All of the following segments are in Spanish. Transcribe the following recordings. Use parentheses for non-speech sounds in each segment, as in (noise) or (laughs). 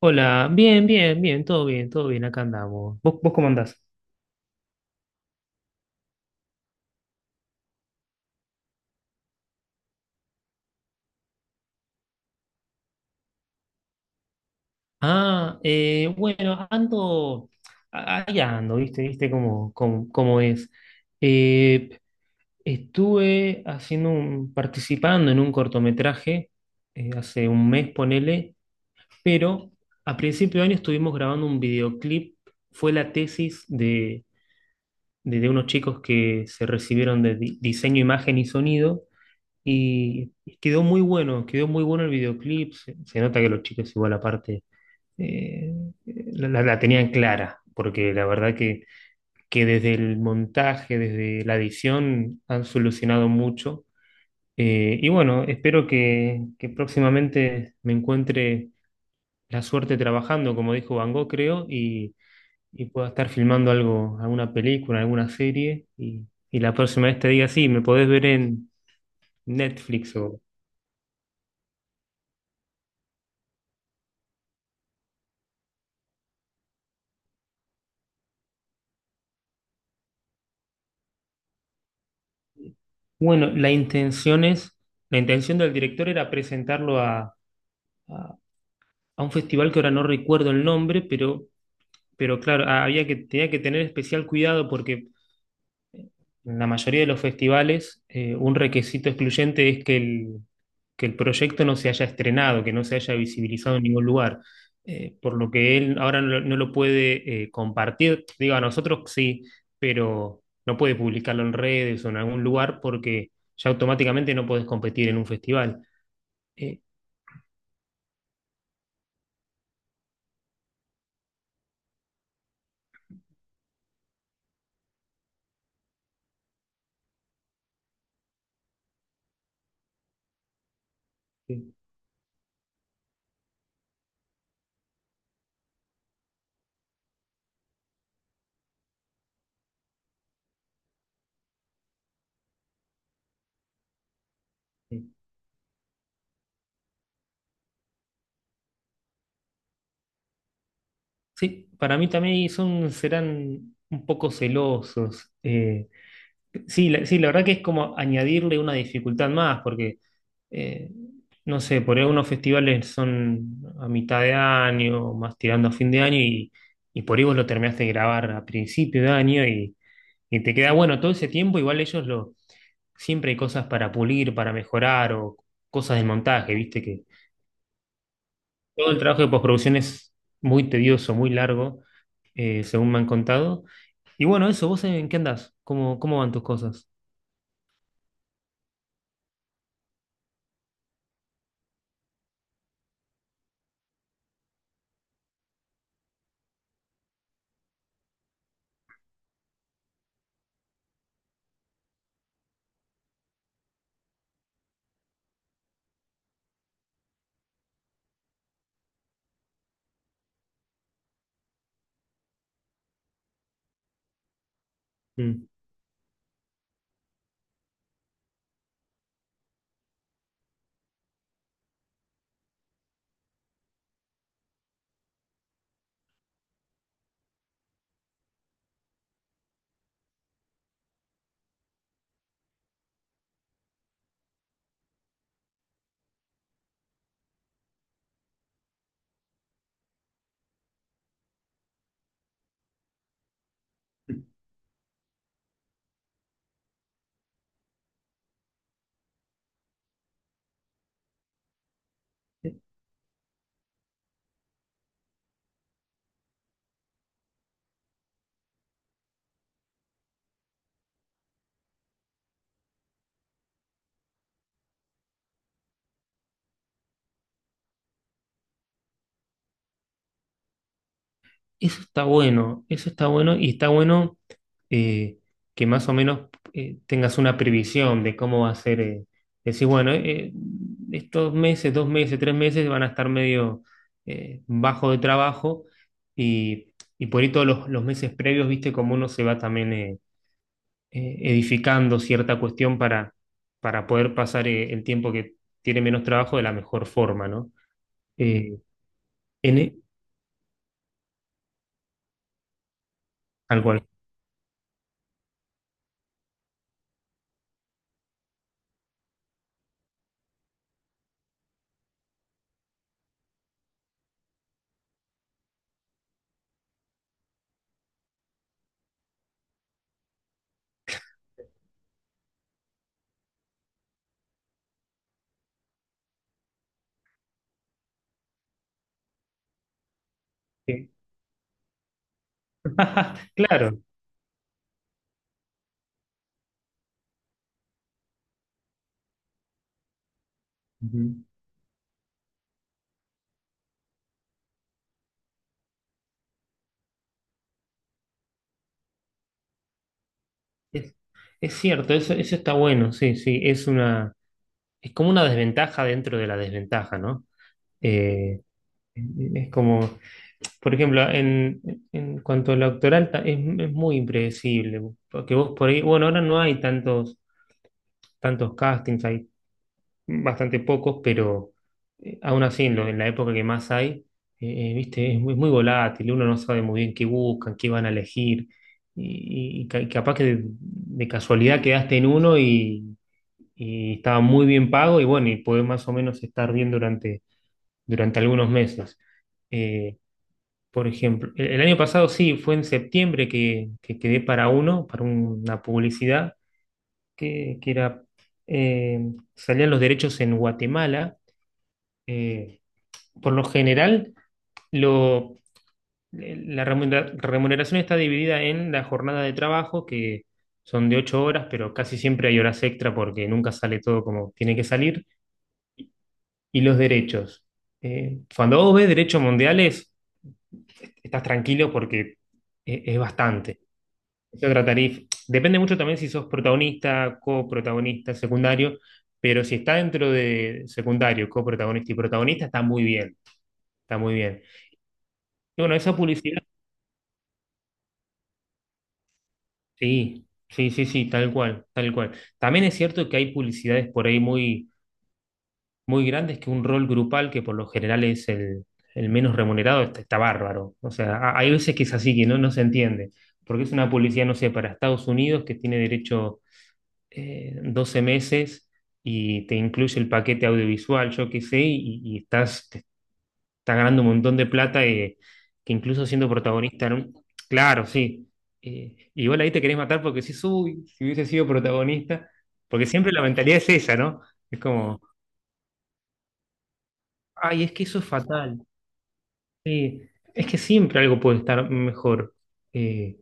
Hola, bien, bien, bien, todo bien, todo bien, acá andamos. ¿Vos cómo andás? Ah, bueno, ando, ahí ando, viste cómo es. Eh, estuve haciendo participando en un cortometraje hace un mes, ponele, pero a principio de año estuvimos grabando un videoclip. Fue la tesis de unos chicos que se recibieron de diseño, imagen y sonido. Y quedó muy bueno el videoclip. Se nota que los chicos igual aparte eh, la tenían clara, porque la verdad que desde el montaje, desde la edición, han solucionado mucho. Y bueno, espero que próximamente me encuentre la suerte trabajando, como dijo Van Gogh, creo, y pueda estar filmando algo, alguna película, alguna serie. Y la próxima vez te diga, sí, me podés ver en Netflix. Bueno, la intención es, la intención del director era presentarlo a, a- a un festival que ahora no recuerdo el nombre, pero claro, tenía que tener especial cuidado porque en la mayoría de los festivales, un requisito excluyente es que el proyecto no se haya estrenado, que no se haya visibilizado en ningún lugar. Por lo que él ahora no lo puede compartir, digo, a nosotros sí, pero no puede publicarlo en redes o en algún lugar porque ya automáticamente no podés competir en un festival. Eh, eh, eh. Sí, para mí también serán un poco celosos. Sí, la verdad que es como añadirle una dificultad más, porque eh, no sé, por ahí unos festivales son a mitad de año, más tirando a fin de año, y por ahí vos lo terminaste de grabar a principio de año y te queda bueno todo ese tiempo, igual ellos siempre hay cosas para pulir, para mejorar, o cosas del montaje, viste que todo el trabajo de postproducción es muy tedioso, muy largo, según me han contado. Y bueno, eso, ¿vos en qué andás? ¿Cómo van tus cosas? Mm. Eso está bueno y está bueno eh, que más o menos tengas una previsión de cómo va a ser. Decir, bueno, estos meses, 2 meses, 3 meses van a estar medio bajo de trabajo y, y por ahí todos los meses previos, viste cómo uno se va también edificando cierta cuestión para poder pasar el tiempo que tiene menos trabajo de la mejor forma, ¿no? Eh, en, tal cual. Sí. (laughs) Claro. Ujú. Es, es cierto, eso está bueno, sí, sí, es como una desventaja dentro de la desventaja, ¿no? Eh, es como, por ejemplo, en cuanto a la doctoral es muy impredecible, porque vos por ahí, bueno, ahora no hay tantos castings, hay bastante pocos, pero aún así en la época que más hay, viste, es muy, muy volátil, uno no sabe muy bien qué buscan, qué van a elegir, y capaz que de casualidad quedaste en uno y estaba muy bien pago y bueno, y pude más o menos estar bien durante algunos meses. Eh, por ejemplo, el año pasado sí, fue en septiembre que quedé para uno, para una publicidad que era, eh, salían los derechos en Guatemala. Eh, por lo general, lo, la remuneración está dividida en la jornada de trabajo que, son de 8 horas, pero casi siempre hay horas extra porque nunca sale todo como tiene que salir. Y los derechos. Cuando vos ves derechos mundiales, estás tranquilo porque es bastante. Es otra tarifa. Depende mucho también si sos protagonista, coprotagonista, secundario, pero si está dentro de secundario, coprotagonista y protagonista, está muy bien, está muy bien. Y bueno, esa publicidad, sí, sí, sí, sí, tal cual, tal cual. También es cierto que hay publicidades por ahí muy muy grandes que un rol grupal, que por lo general es el menos remunerado, está, está bárbaro. O sea, hay veces que es así, que no se entiende, porque es una publicidad, no sé, para Estados Unidos que tiene derecho 12 meses y te incluye el paquete audiovisual, yo qué sé, y te estás ganando un montón de plata que incluso siendo protagonista, ¿no? Claro, sí. Igual ahí te querés matar porque uy, si hubiese sido protagonista, porque siempre la mentalidad es esa, ¿no? Es como, ay, es que eso es fatal. Sí, es que siempre algo puede estar mejor, eh,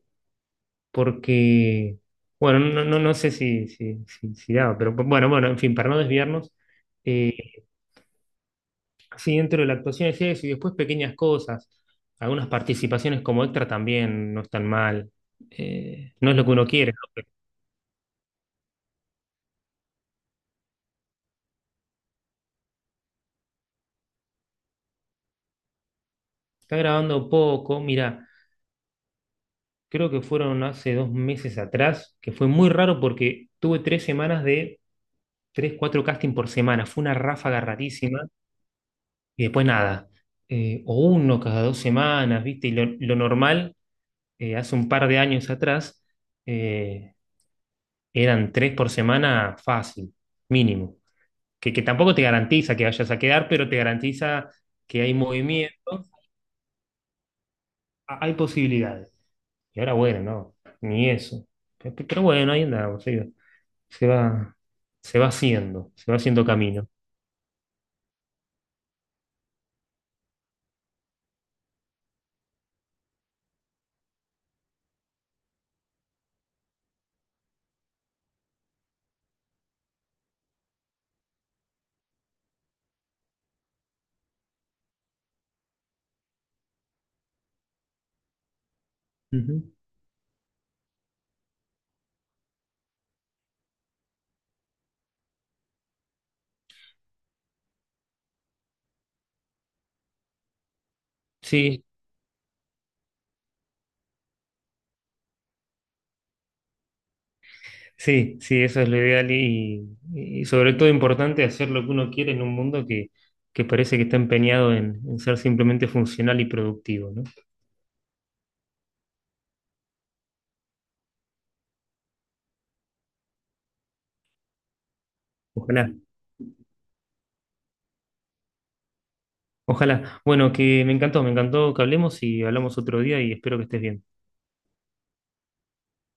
porque, bueno, no, no, no sé si daba, pero bueno, en fin, para no desviarnos, eh, sí, dentro de la actuación es eso, y después pequeñas cosas, algunas participaciones como extra también no están mal, no es lo que uno quiere, ¿no? Pero. Está grabando poco, mira, creo que fueron hace 2 meses atrás, que fue muy raro porque tuve 3 semanas de tres, cuatro casting por semana, fue una ráfaga rarísima. Y después nada, o uno cada 2 semanas, ¿viste? Y lo normal, hace un par de años atrás, eh, eran tres por semana fácil, mínimo. Que tampoco te garantiza que vayas a quedar, pero te garantiza que hay movimiento, hay posibilidades. Y ahora, bueno, no, ni eso. Pero bueno, ahí andamos, sí, se va, se va haciendo camino. Ujú. Sí, sí, sí, eso es lo ideal y sobre todo importante hacer lo que uno quiere en un mundo que parece que está empeñado en ser simplemente funcional y productivo, ¿no? Ojalá, ojalá. Bueno, que me encantó que hablemos y hablamos otro día y espero que estés bien.